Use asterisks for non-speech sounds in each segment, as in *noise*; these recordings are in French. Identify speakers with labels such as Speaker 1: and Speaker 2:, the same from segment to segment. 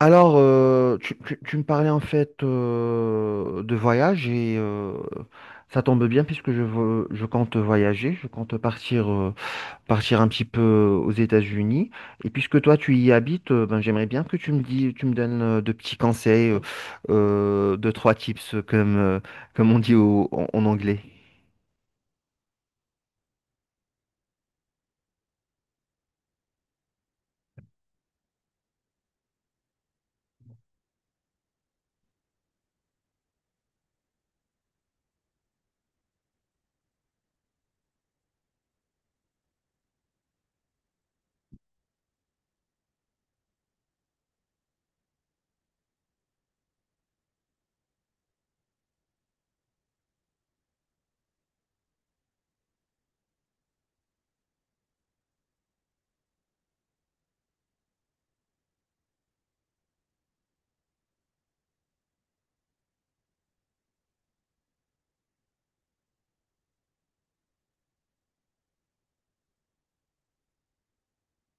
Speaker 1: Alors, tu me parlais en fait de voyage et ça tombe bien puisque je compte voyager, je compte partir un petit peu aux États-Unis. Et puisque toi tu y habites, ben, j'aimerais bien que tu me dis, tu me donnes de petits conseils, deux, trois tips comme on dit en anglais.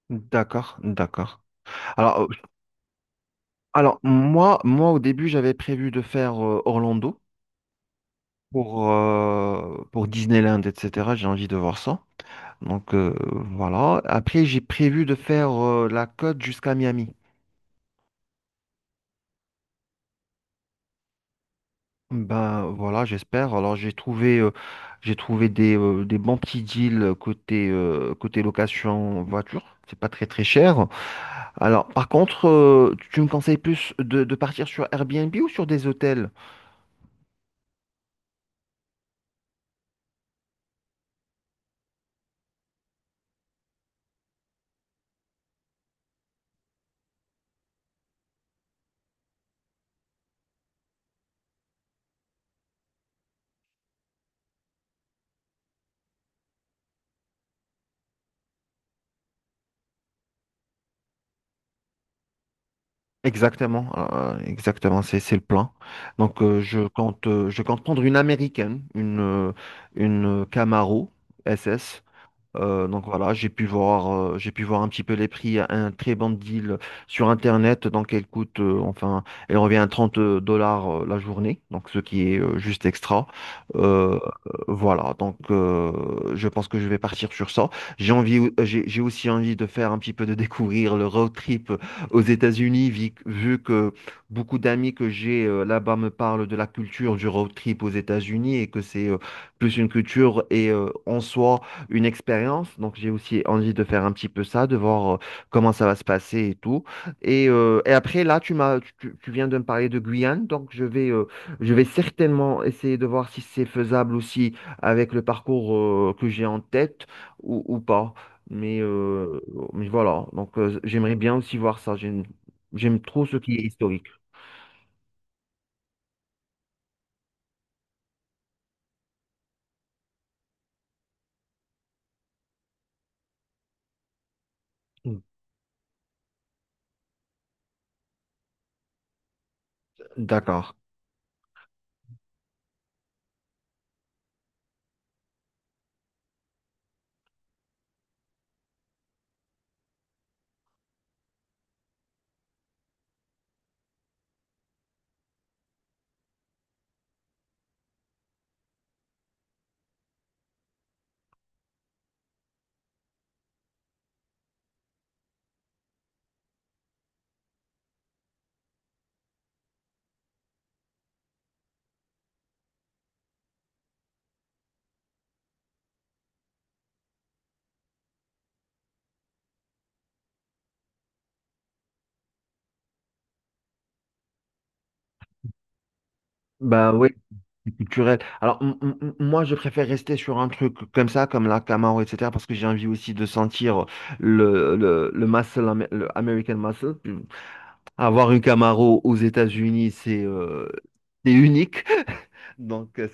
Speaker 1: D'accord, d'accord. Alors, euh, alors, moi au début j'avais prévu de faire Orlando, pour Disneyland, etc. J'ai envie de voir ça. Donc voilà. Après, j'ai prévu de faire la côte jusqu'à Miami. Ben voilà, j'espère. Alors j'ai trouvé des bons petits deals côté location voiture. C'est pas très très cher. Alors par contre, tu me conseilles plus de partir sur Airbnb ou sur des hôtels? Exactement, c'est le plan. Donc je compte prendre une américaine, une Camaro SS donc voilà, j'ai pu voir un petit peu les prix, un très bon deal sur Internet. Donc elle coûte, enfin, elle revient à 30 dollars la journée, donc ce qui est juste extra. Euh, voilà, donc je pense que je vais partir sur ça. J'ai aussi envie de faire un petit peu de découvrir le road trip aux États-Unis, vu que beaucoup d'amis que j'ai là-bas me parlent de la culture du road trip aux États-Unis et que c'est plus une culture et en soi une expérience. Donc, j'ai aussi envie de faire un petit peu ça, de voir comment ça va se passer et tout. Et après, là, tu viens de me parler de Guyane. Donc, je vais certainement essayer de voir si c'est faisable aussi avec le parcours que j'ai en tête ou pas. Mais, euh, mais voilà. Donc, j'aimerais bien aussi voir ça. J'aime trop ce qui est historique. D'accord. Bah oui, c'est culturel. Alors, moi, je préfère rester sur un truc comme ça, comme la Camaro, etc., parce que j'ai envie aussi de sentir le muscle, le American muscle. Avoir une Camaro aux États-Unis, c'est unique. *laughs* Donc,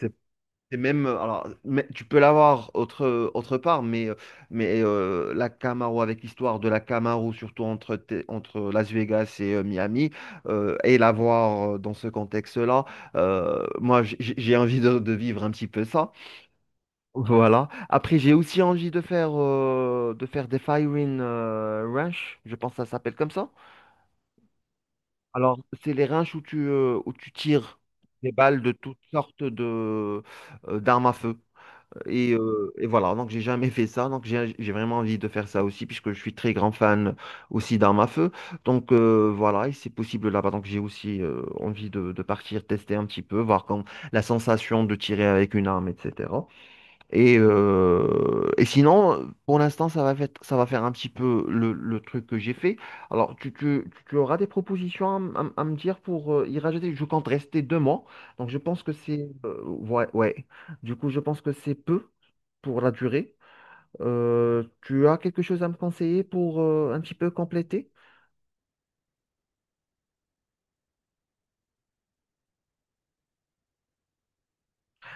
Speaker 1: c'est même, alors, mais tu peux l'avoir autre part, mais, la Camaro, avec l'histoire de la Camaro, surtout entre Las Vegas et Miami, et l'avoir dans ce contexte-là, moi, j'ai envie de vivre un petit peu ça. Voilà. Après, j'ai aussi envie de faire des firing range, je pense que ça s'appelle comme ça. Alors, c'est les ranges où tu tires des balles de toutes sortes d'armes à feu. Et voilà, donc j'ai jamais fait ça, donc j'ai vraiment envie de faire ça aussi, puisque je suis très grand fan aussi d'armes à feu. Donc voilà, et c'est possible là-bas. Donc j'ai aussi envie de partir tester un petit peu, voir quand la sensation de tirer avec une arme, etc. Et sinon, pour l'instant, ça va faire un petit peu le truc que j'ai fait. Alors, tu auras des propositions à me dire pour y rajouter. Je compte rester 2 mois. Donc, je pense que c'est, ouais, ouais. Du coup, je pense que c'est peu pour la durée. Tu as quelque chose à me conseiller pour un petit peu compléter?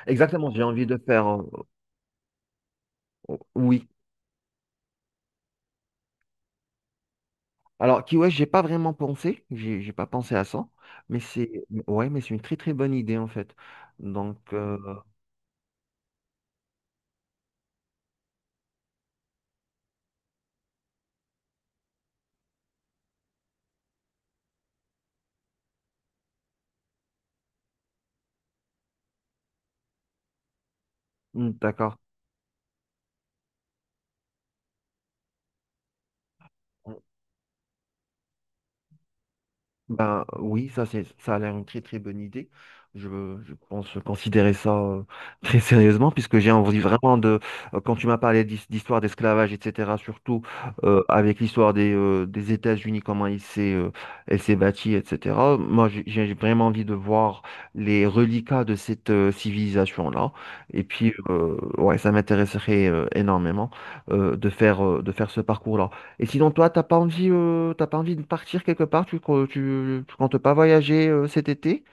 Speaker 1: Exactement, j'ai envie de faire. Oui, Alors, Kiwesh, j'ai pas vraiment pensé, j'ai pas pensé à ça, mais c'est ouais, mais c'est une très très bonne idée en fait. Donc, hmm, d'accord. Ben oui, ça a l'air une très très bonne idée. Je, je pense considérer ça *laughs* très sérieusement puisque j'ai envie vraiment de quand tu m'as parlé d'histoire d'esclavage etc. surtout avec l'histoire des États-Unis comment il s'est elle s'est bâtie etc. Moi j'ai vraiment envie de voir les reliquats de cette civilisation-là et puis ouais ça m'intéresserait énormément de faire ce parcours-là. Et sinon, toi, t'as pas envie, de partir quelque part? Tu comptes pas voyager cet été?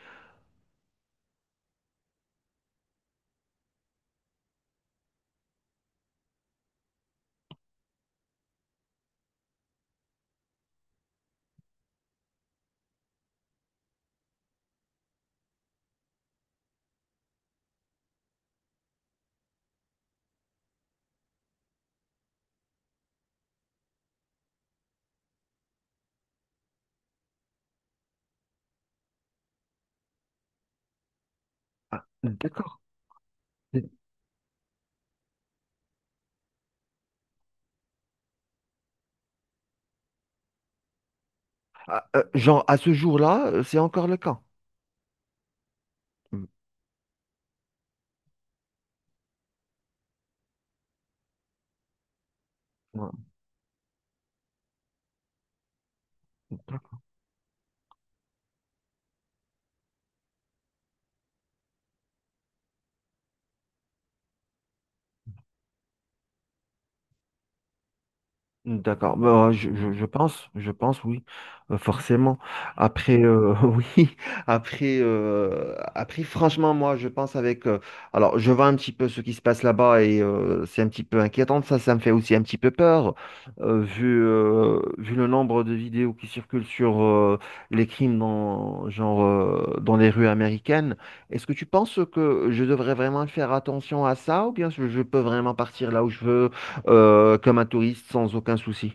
Speaker 1: Ah, d'accord. Ah, genre, à ce jour-là, c'est encore le cas. Mm. Ouais. D'accord. Bah, je pense, oui. Forcément. Après, *laughs* oui, après, franchement, moi, je pense avec. Alors, je vois un petit peu ce qui se passe là-bas et c'est un petit peu inquiétant. Ça me fait aussi un petit peu peur, vu le nombre de vidéos qui circulent sur les crimes dans, genre, dans les rues américaines. Est-ce que tu penses que je devrais vraiment faire attention à ça ou bien je peux vraiment partir là où je veux? Comme un touriste sans aucun souci.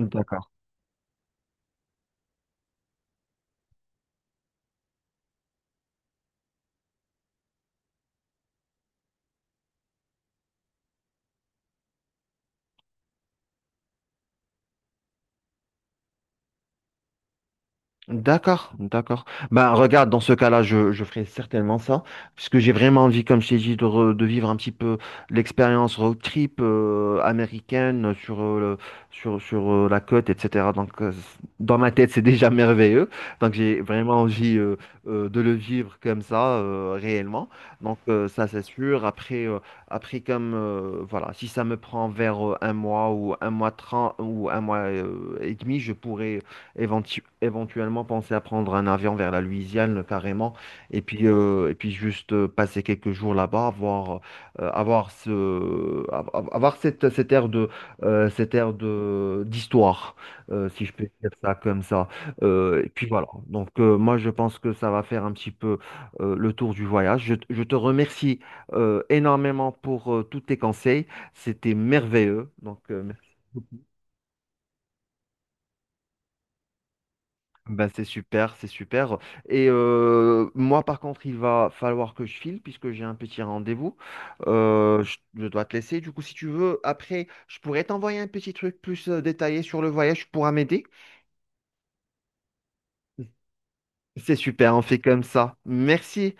Speaker 1: D'accord. D'accord, d'accord. Ben, regarde, dans ce cas-là, je ferai certainement ça, puisque j'ai vraiment envie, comme je t'ai dit, de vivre un petit peu l'expérience road trip américaine sur la côte, etc. Donc, dans ma tête, c'est déjà *laughs* merveilleux. Donc, j'ai vraiment envie de le vivre comme ça, réellement. Donc, ça, c'est sûr. Après comme, voilà, si ça me prend vers un mois ou un mois trente ou un mois et demi, je pourrais éventuellement penser à prendre un avion vers la Louisiane carrément, et puis juste passer quelques jours là-bas, voir, avoir ce, av- av- avoir cette ère d'histoire, si je peux dire ça comme ça. Et puis voilà. Donc moi, je pense que ça va faire un petit peu le tour du voyage. Je te remercie énormément pour tous tes conseils. C'était merveilleux. Donc, Ben c'est super, c'est super. Et moi, par contre, il va falloir que je file puisque j'ai un petit rendez-vous. Je dois te laisser. Du coup, si tu veux, après, je pourrais t'envoyer un petit truc plus détaillé sur le voyage. Tu pourras m'aider. C'est super, on fait comme ça. Merci.